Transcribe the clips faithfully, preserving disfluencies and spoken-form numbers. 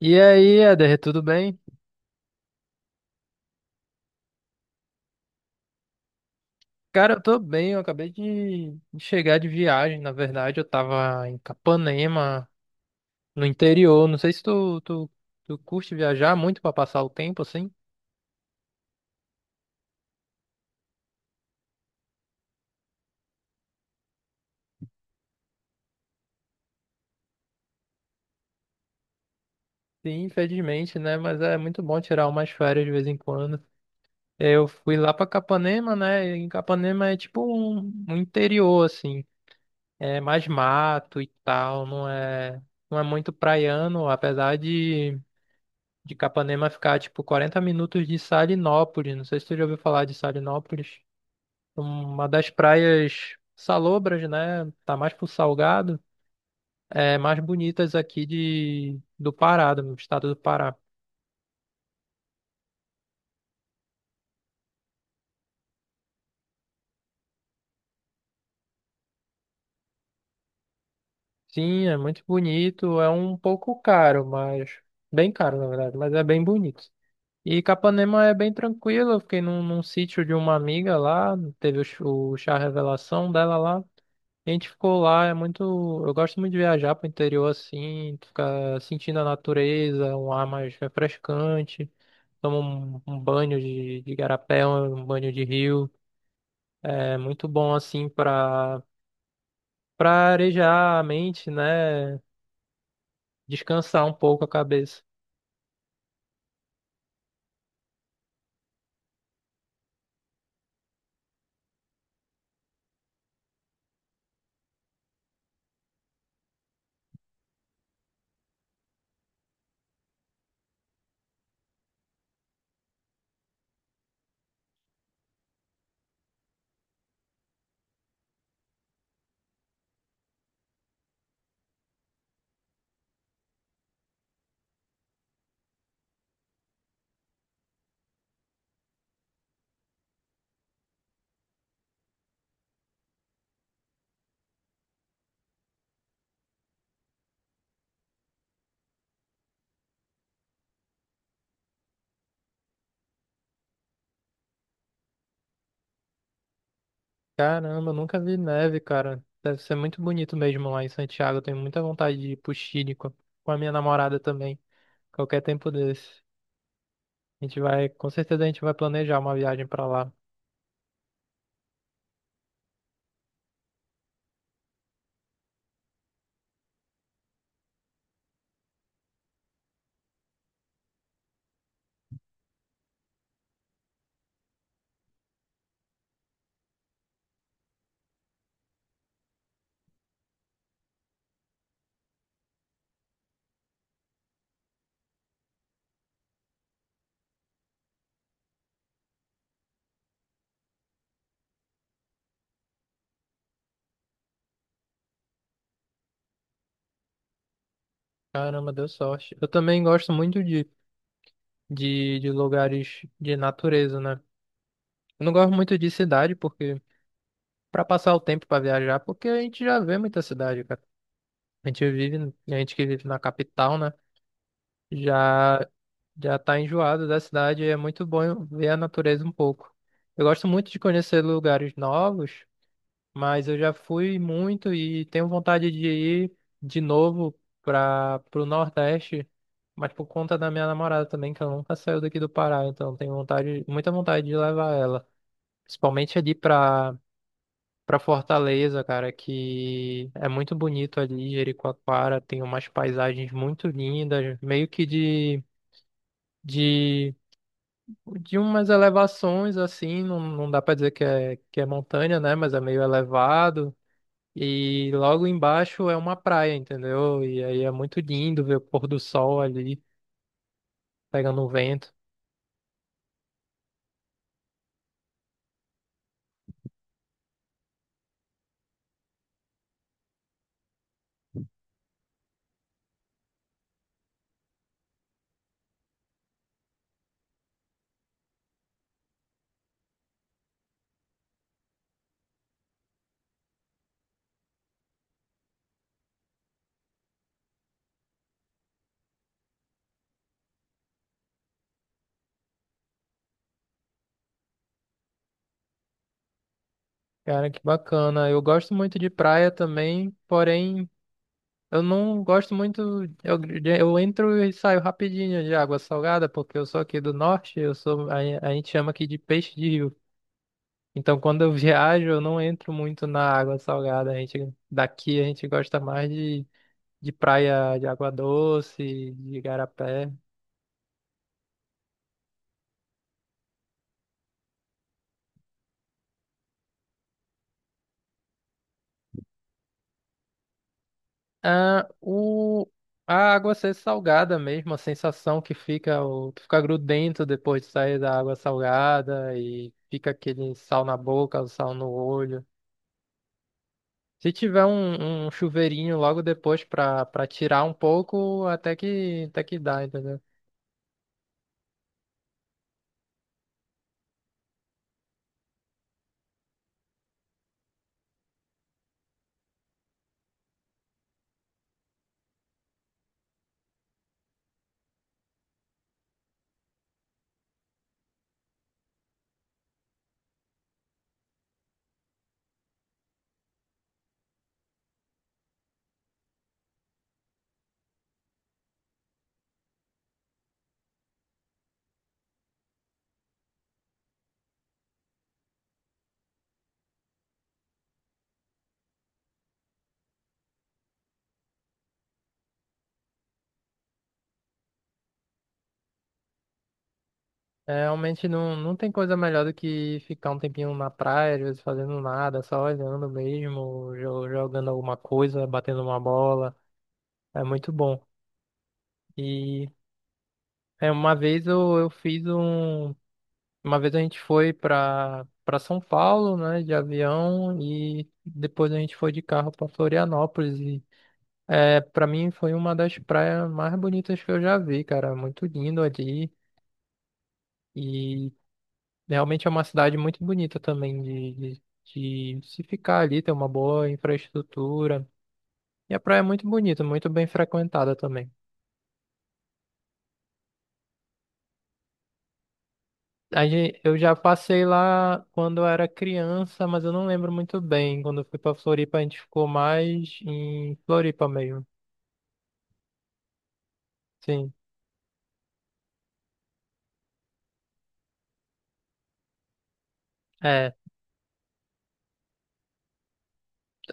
E aí, Eder, tudo bem? Cara, eu tô bem, eu acabei de de chegar de viagem, na verdade, eu tava em Capanema, no interior, não sei se tu, tu, tu curte viajar muito pra passar o tempo, assim? Sim, infelizmente, né, mas é muito bom tirar umas férias de vez em quando. Eu fui lá pra Capanema, né, e Capanema é tipo um, um interior, assim, é mais mato e tal, não é, não é muito praiano, apesar de de Capanema ficar tipo quarenta minutos de Salinópolis. Não sei se tu já ouviu falar de Salinópolis. Uma das praias salobras, né? Tá mais pro Salgado. É mais bonitas aqui de do Pará, do estado do Pará. Sim, é muito bonito. É um pouco caro, mas bem caro na verdade, mas é bem bonito. E Capanema é bem tranquilo, eu fiquei num, num sítio de uma amiga lá, teve o, ch- o chá revelação dela lá. A gente ficou lá, é muito. Eu gosto muito de viajar pro interior assim, tu fica sentindo a natureza, um ar mais refrescante, toma um, um banho de, de igarapé, um banho de rio. É muito bom assim pra, pra arejar a mente, né? Descansar um pouco a cabeça. Caramba, eu nunca vi neve, cara. Deve ser muito bonito mesmo lá em Santiago. Eu tenho muita vontade de ir pro Chile com com a minha namorada também. Qualquer tempo desse. A gente vai, com certeza a gente vai planejar uma viagem pra lá. Caramba, deu sorte. Eu também gosto muito de, de, de lugares de natureza, né? Eu não gosto muito de cidade, porque pra passar o tempo pra viajar, porque a gente já vê muita cidade, cara. A gente vive, a gente que vive na capital, né? Já já tá enjoado da cidade, é muito bom ver a natureza um pouco. Eu gosto muito de conhecer lugares novos, mas eu já fui muito e tenho vontade de ir de novo para o Nordeste, mas por conta da minha namorada também, que ela nunca saiu daqui do Pará, então tenho vontade, muita vontade de levar ela, principalmente ali para para Fortaleza, cara, que é muito bonito ali, Jericoacoara, tem umas paisagens muito lindas, meio que de de de umas elevações assim, não, não dá pra dizer que é, que é montanha, né? Mas é meio elevado. E logo embaixo é uma praia, entendeu? E aí é muito lindo ver o pôr do sol ali pegando um vento. Cara, que bacana. Eu gosto muito de praia também, porém eu não gosto muito. Eu, eu entro e saio rapidinho de água salgada, porque eu sou aqui do norte, eu sou, a, a gente chama aqui de peixe de rio. Então, quando eu viajo, eu não entro muito na água salgada. A gente, daqui a gente gosta mais de, de praia de água doce, de igarapé. Ah, o, a água ser salgada mesmo, a sensação que fica, o, tu fica grudento depois de sair da água salgada e fica aquele sal na boca, o sal no olho. Se tiver um, um chuveirinho logo depois pra, pra tirar um pouco, até que, até que dá, entendeu? É, realmente não, não tem coisa melhor do que ficar um tempinho na praia, às vezes fazendo nada, só olhando mesmo, jo- jogando alguma coisa, batendo uma bola. É muito bom. E é, uma vez eu, eu fiz um. Uma vez a gente foi pra, pra São Paulo, né, de avião, e depois a gente foi de carro pra Florianópolis. É, para mim foi uma das praias mais bonitas que eu já vi, cara. Muito lindo ali. E realmente é uma cidade muito bonita também de, de, de se ficar ali, ter uma boa infraestrutura. E a praia é muito bonita, muito bem frequentada também. A gen- Eu já passei lá quando eu era criança, mas eu não lembro muito bem. Quando eu fui pra Floripa, a gente ficou mais em Floripa mesmo. Sim. É,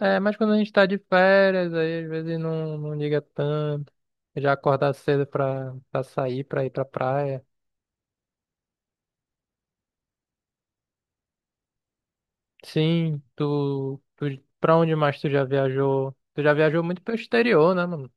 É, mas quando a gente tá de férias, aí às vezes não, não liga tanto. Já acordar cedo pra, pra sair, pra ir pra praia. Sim, tu, tu. pra onde mais tu já viajou? Tu já viajou muito pro exterior, né, mano?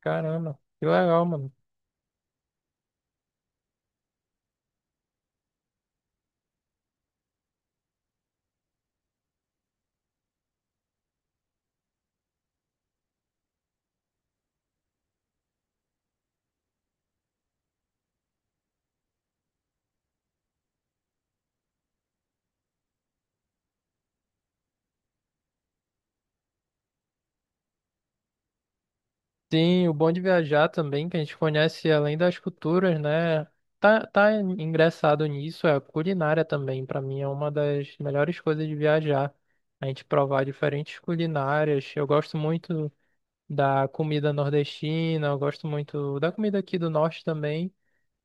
Caramba, que legal, mano. Sim, o bom de viajar também, que a gente conhece além das culturas, né? Tá, tá engraçado nisso, é a culinária também. Pra mim é uma das melhores coisas de viajar. A gente provar diferentes culinárias. Eu gosto muito da comida nordestina, eu gosto muito da comida aqui do norte também.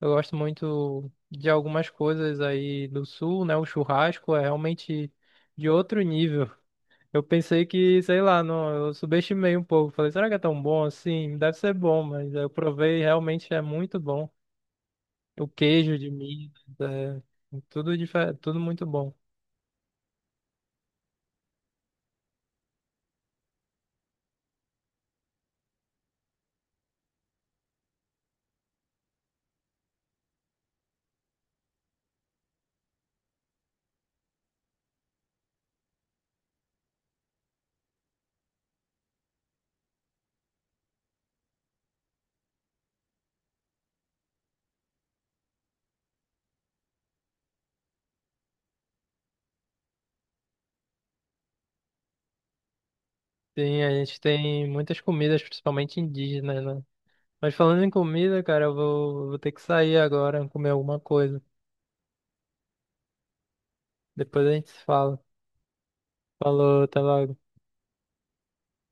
Eu gosto muito de algumas coisas aí do sul, né? O churrasco é realmente de outro nível. Eu pensei que, sei lá, não, eu subestimei um pouco. Falei, será que é tão bom assim? Deve ser bom, mas eu provei, e realmente é muito bom. O queijo de Minas, é tudo, difer- tudo muito bom. Sim, a gente tem muitas comidas, principalmente indígenas, né? Mas falando em comida, cara, eu vou, vou ter que sair agora, comer alguma coisa. Depois a gente se fala. Falou, até logo.